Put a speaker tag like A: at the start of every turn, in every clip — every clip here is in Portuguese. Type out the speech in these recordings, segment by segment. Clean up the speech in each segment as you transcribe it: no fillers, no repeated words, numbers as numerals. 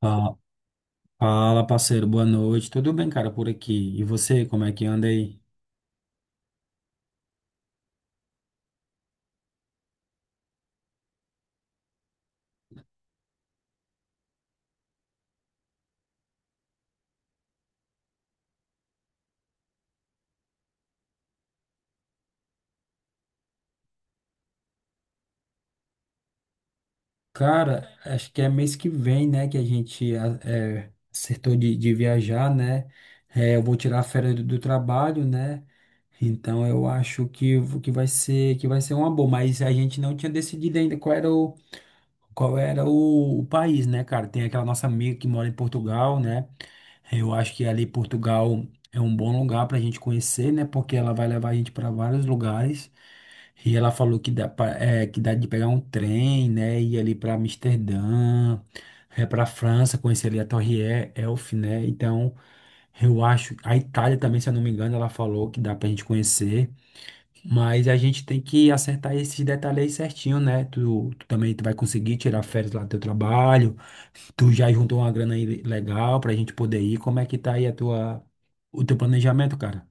A: Ah, fala, parceiro, boa noite. Tudo bem, cara, por aqui? E você, como é que anda aí? Cara, acho que é mês que vem, né, que a gente acertou de viajar, né? É, eu vou tirar a férias do trabalho, né? Então eu acho que vai ser uma boa, mas a gente não tinha decidido ainda qual era o país, né, cara? Tem aquela nossa amiga que mora em Portugal, né? Eu acho que ali Portugal é um bom lugar para a gente conhecer, né? Porque ela vai levar a gente para vários lugares. E ela falou que dá de pegar um trem, né? Ir ali para Amsterdã, para França, conhecer ali a Torre Eiffel, né? Então, eu acho. A Itália também, se eu não me engano, ela falou que dá para a gente conhecer. Mas a gente tem que acertar esses detalhes aí certinho, né? Tu vai conseguir tirar férias lá do teu trabalho. Tu já juntou uma grana aí legal pra gente poder ir. Como é que tá aí a o teu planejamento, cara?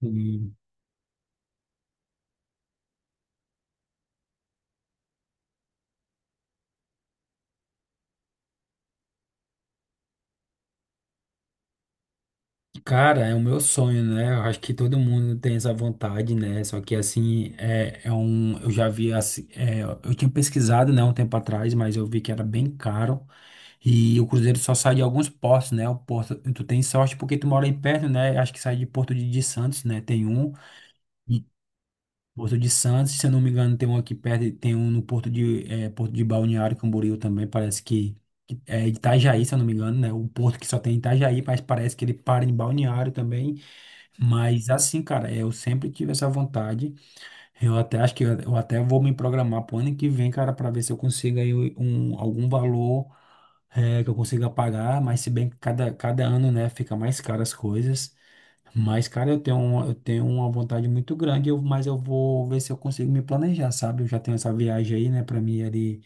A: Hum, Cara, é o meu sonho, né? Eu acho que todo mundo tem essa vontade, né? Só que assim, eu já vi assim, eu tinha pesquisado, né, um tempo atrás, mas eu vi que era bem caro. E o Cruzeiro só sai de alguns portos, né? O Porto, tu tem sorte porque tu mora aí perto, né? Acho que sai de Porto de Santos, né? Tem um. E Porto de Santos, se eu não me engano, tem um aqui perto, e tem um no Porto Porto de Balneário Camboriú também, parece que é Itajaí, se eu não me engano, né? O porto que só tem Itajaí, mas parece que ele para em Balneário também. Mas assim, cara, eu sempre tive essa vontade. Eu até acho que eu até vou me programar pro ano que vem, cara, para ver se eu consigo aí um, algum valor, que eu consiga pagar, mas se bem que cada ano, né, fica mais caro as coisas. Mas, cara, eu tenho uma vontade muito grande, eu, mas eu vou ver se eu consigo me planejar, sabe? Eu já tenho essa viagem aí, né, para mim ali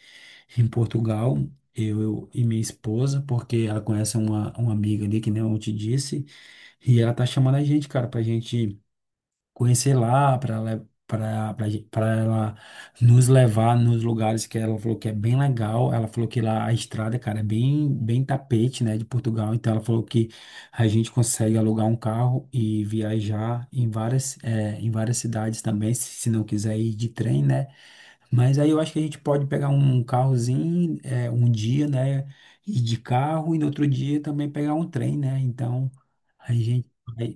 A: em Portugal, eu e minha esposa, porque ela conhece uma amiga ali, que nem eu te disse, e ela tá chamando a gente, cara, pra gente conhecer lá, para ela nos levar nos lugares que ela falou que é bem legal. Ela falou que lá a estrada, cara, é bem tapete, né, de Portugal. Então ela falou que a gente consegue alugar um carro e viajar em em várias cidades também, se não quiser ir de trem, né? Mas aí eu acho que a gente pode pegar um carrozinho, um dia, né, ir de carro e no outro dia também pegar um trem, né? Então a gente vai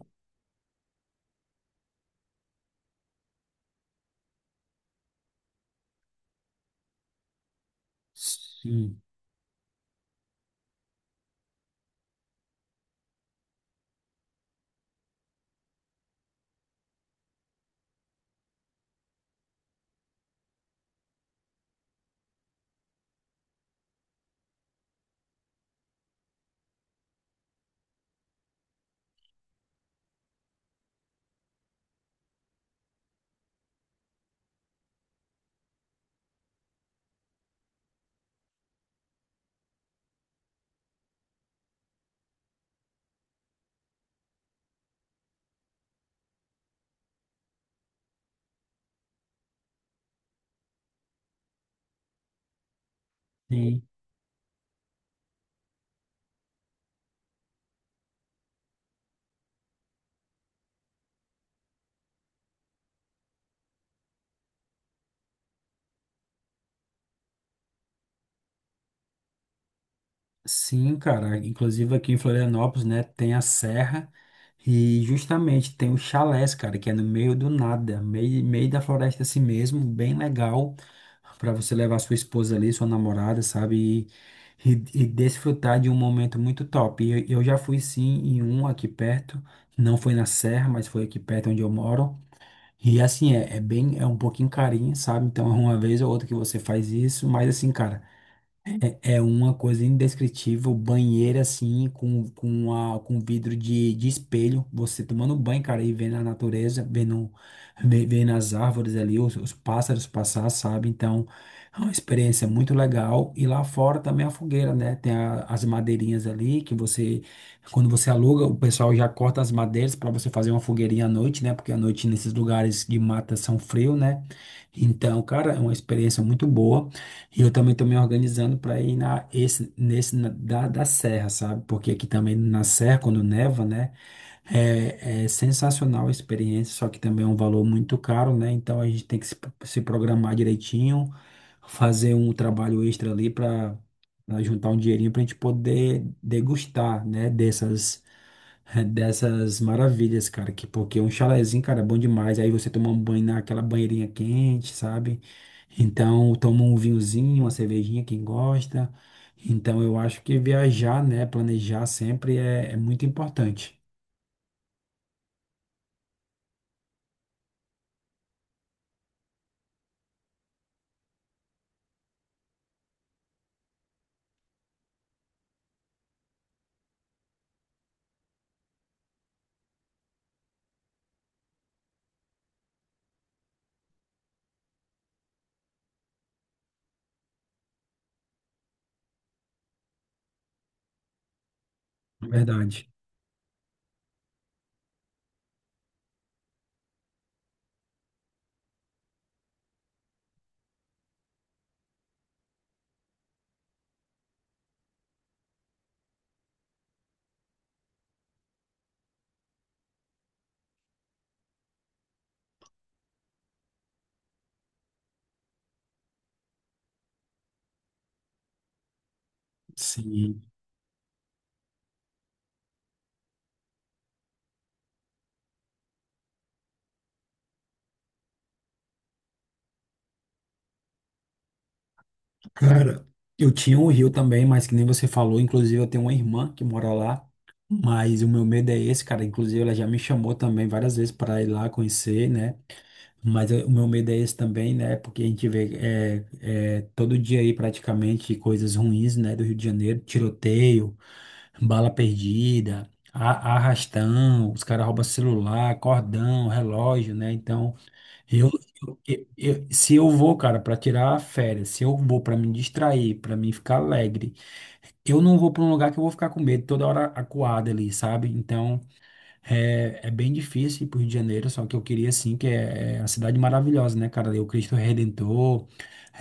A: sim. Sim. Sim, cara. Inclusive aqui em Florianópolis, né, tem a serra e justamente tem o chalés, cara, que é no meio do nada, meio da floresta assim mesmo, bem legal para você levar sua esposa ali, sua namorada, sabe? E desfrutar de um momento muito top. E eu já fui sim em um aqui perto, não foi na serra, mas foi aqui perto onde eu moro. E assim, é bem, é um pouquinho carinho, sabe? Então, é uma vez ou outra que você faz isso, mas assim, cara. É uma coisa indescritível, banheiro assim, com vidro de espelho, você tomando banho, cara, e vendo a natureza, vendo as árvores ali, os pássaros passar, sabe? Então, é uma experiência muito legal. E lá fora também a fogueira, né? Tem as madeirinhas ali, que você, quando você aluga, o pessoal já corta as madeiras para você fazer uma fogueirinha à noite, né? Porque à noite nesses lugares de mata são frio, né? Então, cara, é uma experiência muito boa. E eu também estou me organizando para ir na, esse, nesse na- da, da serra, sabe? Porque aqui também na serra, quando neva, né? É, é sensacional a experiência, só que também é um valor muito caro, né? Então a gente tem que se programar direitinho, fazer um trabalho extra ali para juntar um dinheirinho para a gente poder degustar, né? Dessas maravilhas, cara. Que, porque um chalezinho, cara, é bom demais. Aí você toma um banho naquela banheirinha quente, sabe? Então toma um vinhozinho, uma cervejinha, quem gosta. Então eu acho que viajar, né? Planejar sempre é é muito importante. Verdade. Sim. Cara, eu tinha um rio também, mas que nem você falou, inclusive eu tenho uma irmã que mora lá, mas o meu medo é esse, cara. Inclusive ela já me chamou também várias vezes para ir lá conhecer, né? O meu medo é esse também, né? Porque a gente vê todo dia aí praticamente coisas ruins, né? Do Rio de Janeiro, tiroteio, bala perdida, arrastão, os caras roubam celular, cordão, relógio, né? Então. Eu, se eu vou, cara, pra tirar férias, se eu vou pra me distrair, pra mim ficar alegre, eu não vou pra um lugar que eu vou ficar com medo toda hora acuado ali, sabe? Então, é, é bem difícil ir pro Rio de Janeiro, só que eu queria, assim, é a cidade maravilhosa, né, cara? Ali o Cristo Redentor,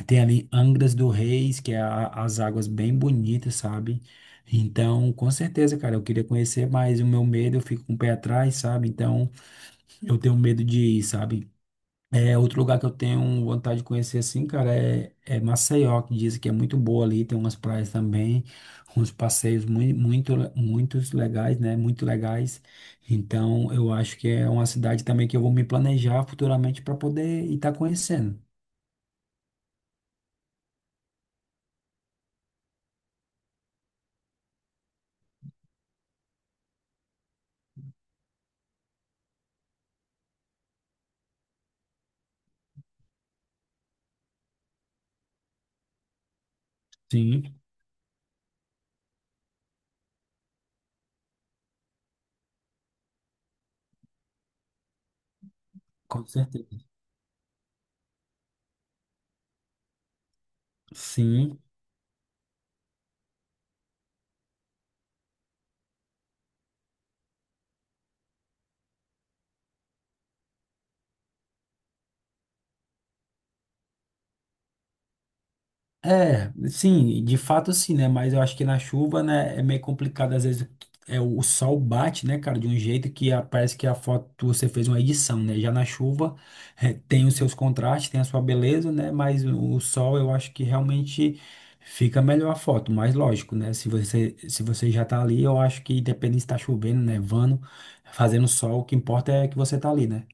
A: tem ali Angras do Reis, que é as águas bem bonitas, sabe? Então, com certeza, cara, eu queria conhecer, mas o meu medo, eu fico com o pé atrás, sabe? Então, eu tenho medo de ir, sabe? É, outro lugar que eu tenho vontade de conhecer assim, cara, é Maceió, que dizem que é muito boa ali, tem umas praias também, uns passeios muitos legais, né? Muito legais. Então, eu acho que é uma cidade também que eu vou me planejar futuramente para poder estar conhecendo. Sim, com certeza. Sim. É, sim, de fato sim, né? Mas eu acho que na chuva, né, é meio complicado, às vezes o sol bate, né, cara, de um jeito que parece que a foto você fez uma edição, né? Já na chuva tem os seus contrastes, tem a sua beleza, né? Mas o sol eu acho que realmente fica melhor a foto, mas lógico, né? Se você já tá ali, eu acho que independente se tá chovendo, nevando, fazendo sol, o que importa é que você tá ali, né?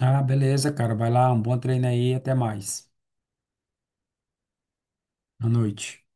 A: Ah, beleza, cara, vai lá, um bom treino aí, até mais. Boa noite.